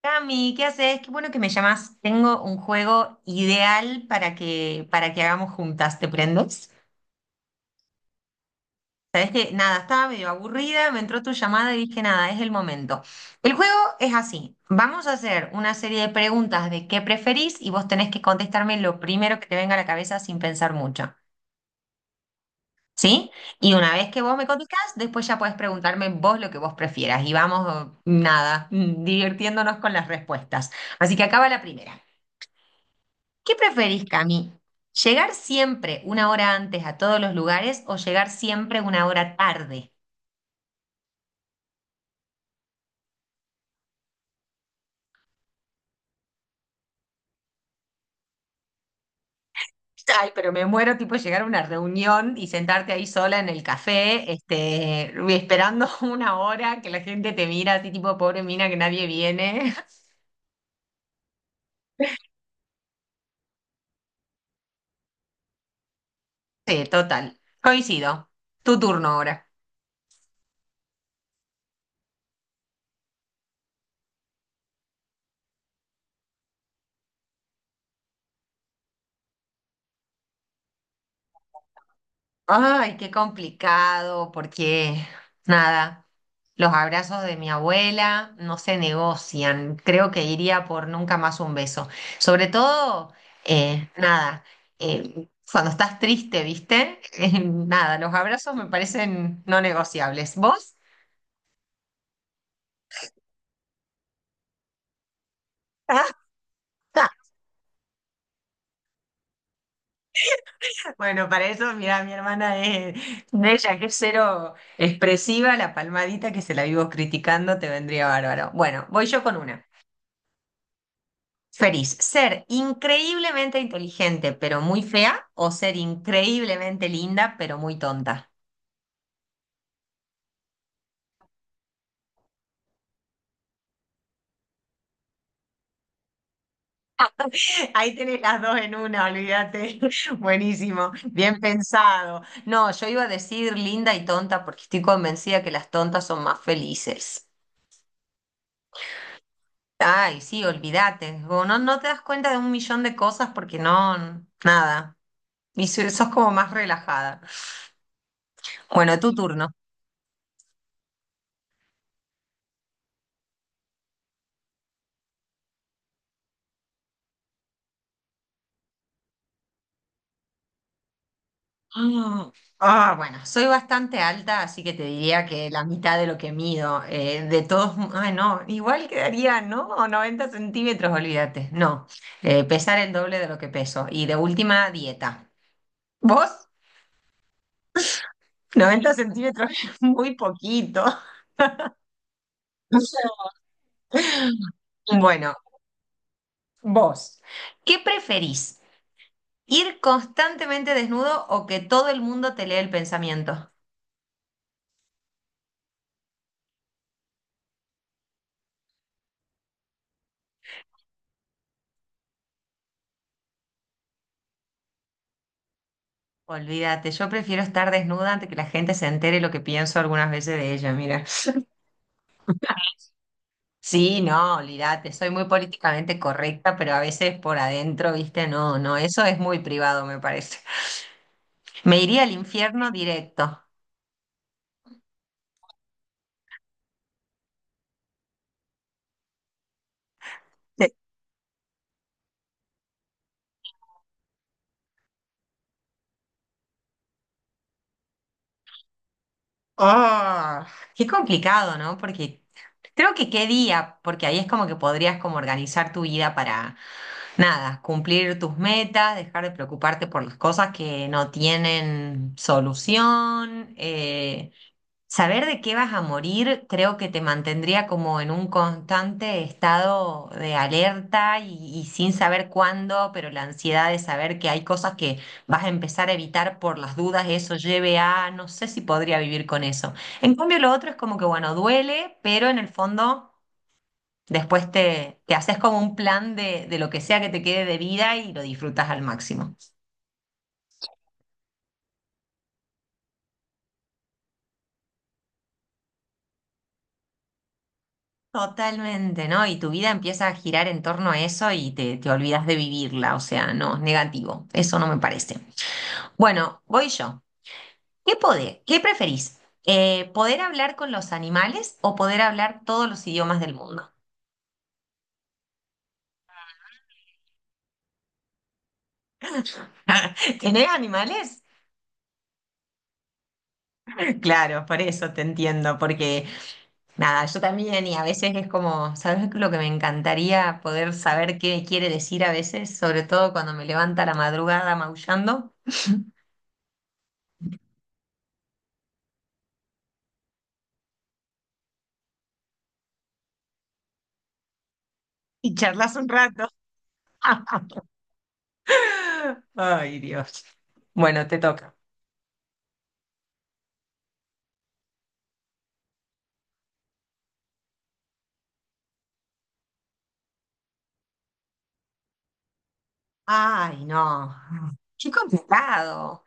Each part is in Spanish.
Cami, ¿qué haces? Qué bueno que me llamas. Tengo un juego ideal para que hagamos juntas. ¿Te prendes? Sabes que nada, estaba medio aburrida, me entró tu llamada y dije nada, es el momento. El juego es así. Vamos a hacer una serie de preguntas de qué preferís y vos tenés que contestarme lo primero que te venga a la cabeza sin pensar mucho. ¿Sí? Y una vez que vos me contestás, después ya podés preguntarme vos lo que vos prefieras. Y vamos, nada, divirtiéndonos con las respuestas. Así que acaba la primera. ¿Qué preferís, Cami? ¿Llegar siempre una hora antes a todos los lugares o llegar siempre una hora tarde? Ay, pero me muero tipo llegar a una reunión y sentarte ahí sola en el café, este, esperando una hora que la gente te mira así tipo pobre mina que nadie viene. Sí, total. Coincido. Tu turno ahora. Ay, qué complicado, porque nada, los abrazos de mi abuela no se negocian. Creo que iría por nunca más un beso. Sobre todo, nada, cuando estás triste, ¿viste? Nada, los abrazos me parecen no negociables. ¿Vos? Bueno, para eso, mira, mi hermana es de ella, que es cero expresiva, la palmadita que se la vivo criticando, te vendría bárbaro. Bueno, voy yo con una. Feliz, ser increíblemente inteligente pero muy fea o ser increíblemente linda pero muy tonta. Ahí tenés las dos en una, olvídate. Buenísimo, bien pensado. No, yo iba a decir linda y tonta porque estoy convencida que las tontas son más felices. Ay, sí, olvídate. Como no, no te das cuenta de un millón de cosas porque no, nada. Y sos como más relajada. Bueno, tu turno. Ah, ah, bueno, soy bastante alta, así que te diría que la mitad de lo que mido. De todos, ah, no, igual quedaría, ¿no? O 90 centímetros, olvídate. No, pesar el doble de lo que peso. Y de última, dieta. ¿Vos? 90 centímetros, muy poquito. O sea, bueno, vos, ¿qué preferís? ¿Ir constantemente desnudo o que todo el mundo te lea el pensamiento? Olvídate, yo prefiero estar desnuda antes que la gente se entere lo que pienso algunas veces de ella, mira. Sí, no, olvídate, soy muy políticamente correcta, pero a veces por adentro, viste, no, no, eso es muy privado, me parece. Me iría al infierno directo. Ah, qué complicado, ¿no? Porque creo que qué día, porque ahí es como que podrías como organizar tu vida para, nada, cumplir tus metas, dejar de preocuparte por las cosas que no tienen solución, saber de qué vas a morir creo que te mantendría como en un constante estado de alerta y sin saber cuándo, pero la ansiedad de saber que hay cosas que vas a empezar a evitar por las dudas, eso lleve a, no sé si podría vivir con eso. En cambio, lo otro es como que, bueno, duele, pero en el fondo después te haces como un plan de lo que sea que te quede de vida y lo disfrutas al máximo. Totalmente, ¿no? Y tu vida empieza a girar en torno a eso y te olvidas de vivirla, o sea, no, negativo, eso no me parece. Bueno, voy yo. ¿Qué poder? ¿Qué preferís? ¿Poder hablar con los animales o poder hablar todos los idiomas del mundo? ¿Tenés animales? Claro, por eso te entiendo, porque nada, yo también y a veces es como, ¿sabes lo que me encantaría poder saber qué quiere decir a veces? Sobre todo cuando me levanta a la madrugada maullando y charlas un rato. Ay, Dios. Bueno, te toca. Ay, no. Qué complicado.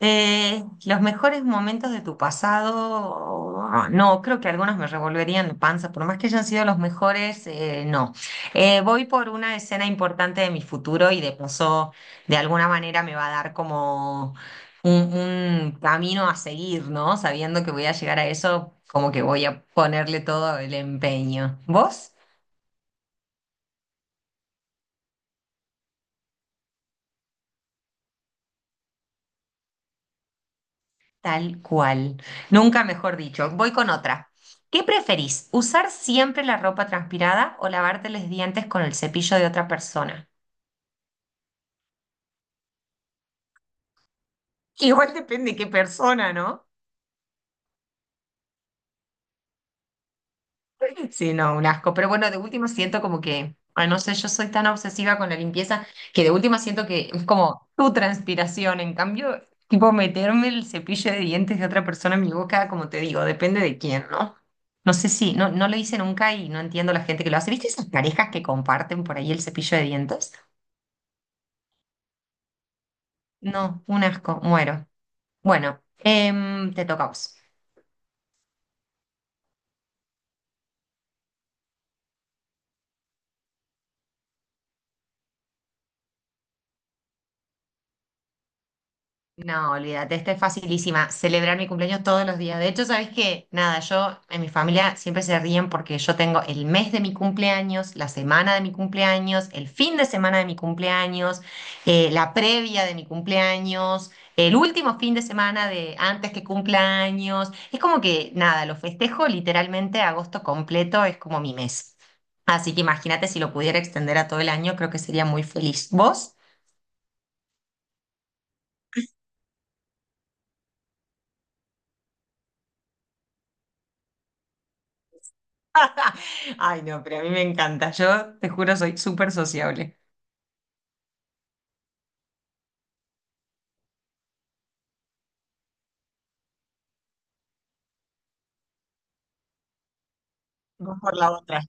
Los mejores momentos de tu pasado, ah, no, creo que algunos me revolverían la panza, por más que hayan sido los mejores, no. Voy por una escena importante de mi futuro y de paso, de alguna manera me va a dar como un camino a seguir, ¿no? Sabiendo que voy a llegar a eso, como que voy a ponerle todo el empeño. ¿Vos? Tal cual. Nunca mejor dicho. Voy con otra. ¿Qué preferís? ¿Usar siempre la ropa transpirada o lavarte los dientes con el cepillo de otra persona? Igual depende qué persona, ¿no? Sí, no, un asco. Pero bueno, de última siento como que, ay, no sé, yo soy tan obsesiva con la limpieza que de última siento que es como tu transpiración. En cambio, tipo meterme el cepillo de dientes de otra persona en mi boca, como te digo, depende de quién, ¿no? No sé si, no, no lo hice nunca y no entiendo la gente que lo hace. ¿Viste esas parejas que comparten por ahí el cepillo de dientes? No, un asco, muero. Bueno, te toca a vos. No, olvídate, esta es facilísima. Celebrar mi cumpleaños todos los días. De hecho, ¿sabes qué? Nada, yo en mi familia siempre se ríen porque yo tengo el mes de mi cumpleaños, la semana de mi cumpleaños, el fin de semana de mi cumpleaños, la previa de mi cumpleaños, el último fin de semana de antes que cumpleaños. Es como que, nada, lo festejo literalmente agosto completo, es como mi mes. Así que imagínate si lo pudiera extender a todo el año, creo que sería muy feliz. ¿Vos? Ay, no, pero a mí me encanta. Yo te juro, soy súper sociable. Vos por la otra.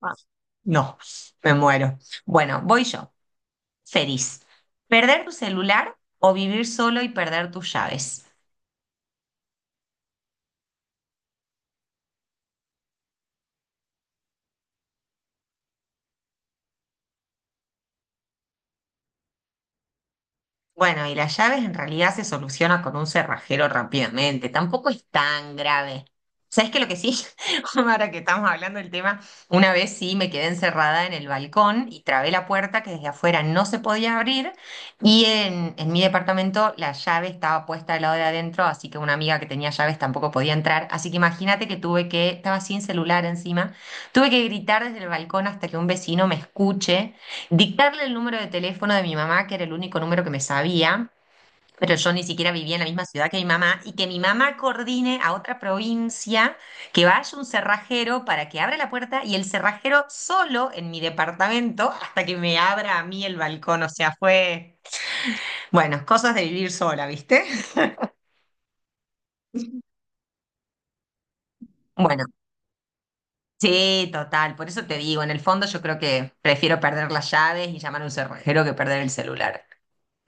Ah, no, me muero. Bueno, voy yo. Feliz. ¿Perder tu celular o vivir solo y perder tus llaves? Bueno, y las llaves en realidad se soluciona con un cerrajero rápidamente, tampoco es tan grave. ¿Sabes qué? Lo que sí, ahora que estamos hablando del tema, una vez sí me quedé encerrada en el balcón y trabé la puerta que desde afuera no se podía abrir y en mi departamento la llave estaba puesta al lado de adentro, así que una amiga que tenía llaves tampoco podía entrar, así que imagínate que tuve que, estaba sin celular encima, tuve que gritar desde el balcón hasta que un vecino me escuche dictarle el número de teléfono de mi mamá, que era el único número que me sabía, pero yo ni siquiera vivía en la misma ciudad que mi mamá, y que mi mamá coordine a otra provincia, que vaya un cerrajero para que abra la puerta y el cerrajero solo en mi departamento hasta que me abra a mí el balcón. O sea, fue, bueno, cosas de vivir sola, ¿viste? Bueno. Sí, total, por eso te digo, en el fondo yo creo que prefiero perder las llaves y llamar a un cerrajero que perder el celular.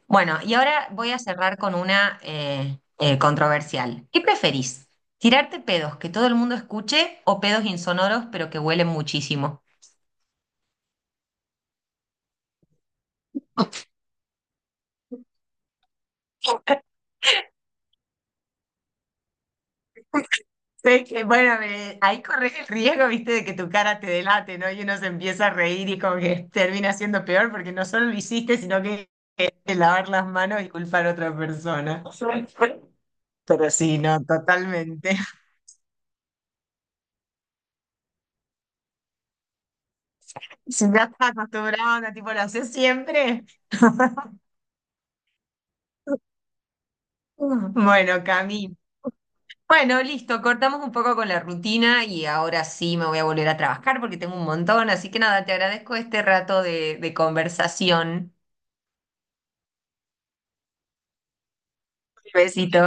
Bueno, y ahora voy a cerrar con una controversial. ¿Qué preferís? ¿Tirarte pedos que todo el mundo escuche o pedos insonoros pero que huelen muchísimo? Sé que, bueno, ahí corres el riesgo, viste, de que tu cara te delate, ¿no? Y uno se empieza a reír y como que termina siendo peor porque no solo lo hiciste, sino que lavar las manos y culpar a otra persona. Pero sí, no, totalmente. Si ya estás acostumbrado, onda, tipo, lo haces siempre. Bueno, Cami, bueno, listo, cortamos un poco con la rutina y ahora sí me voy a volver a trabajar porque tengo un montón, así que nada, te agradezco este rato de conversación. Un besito.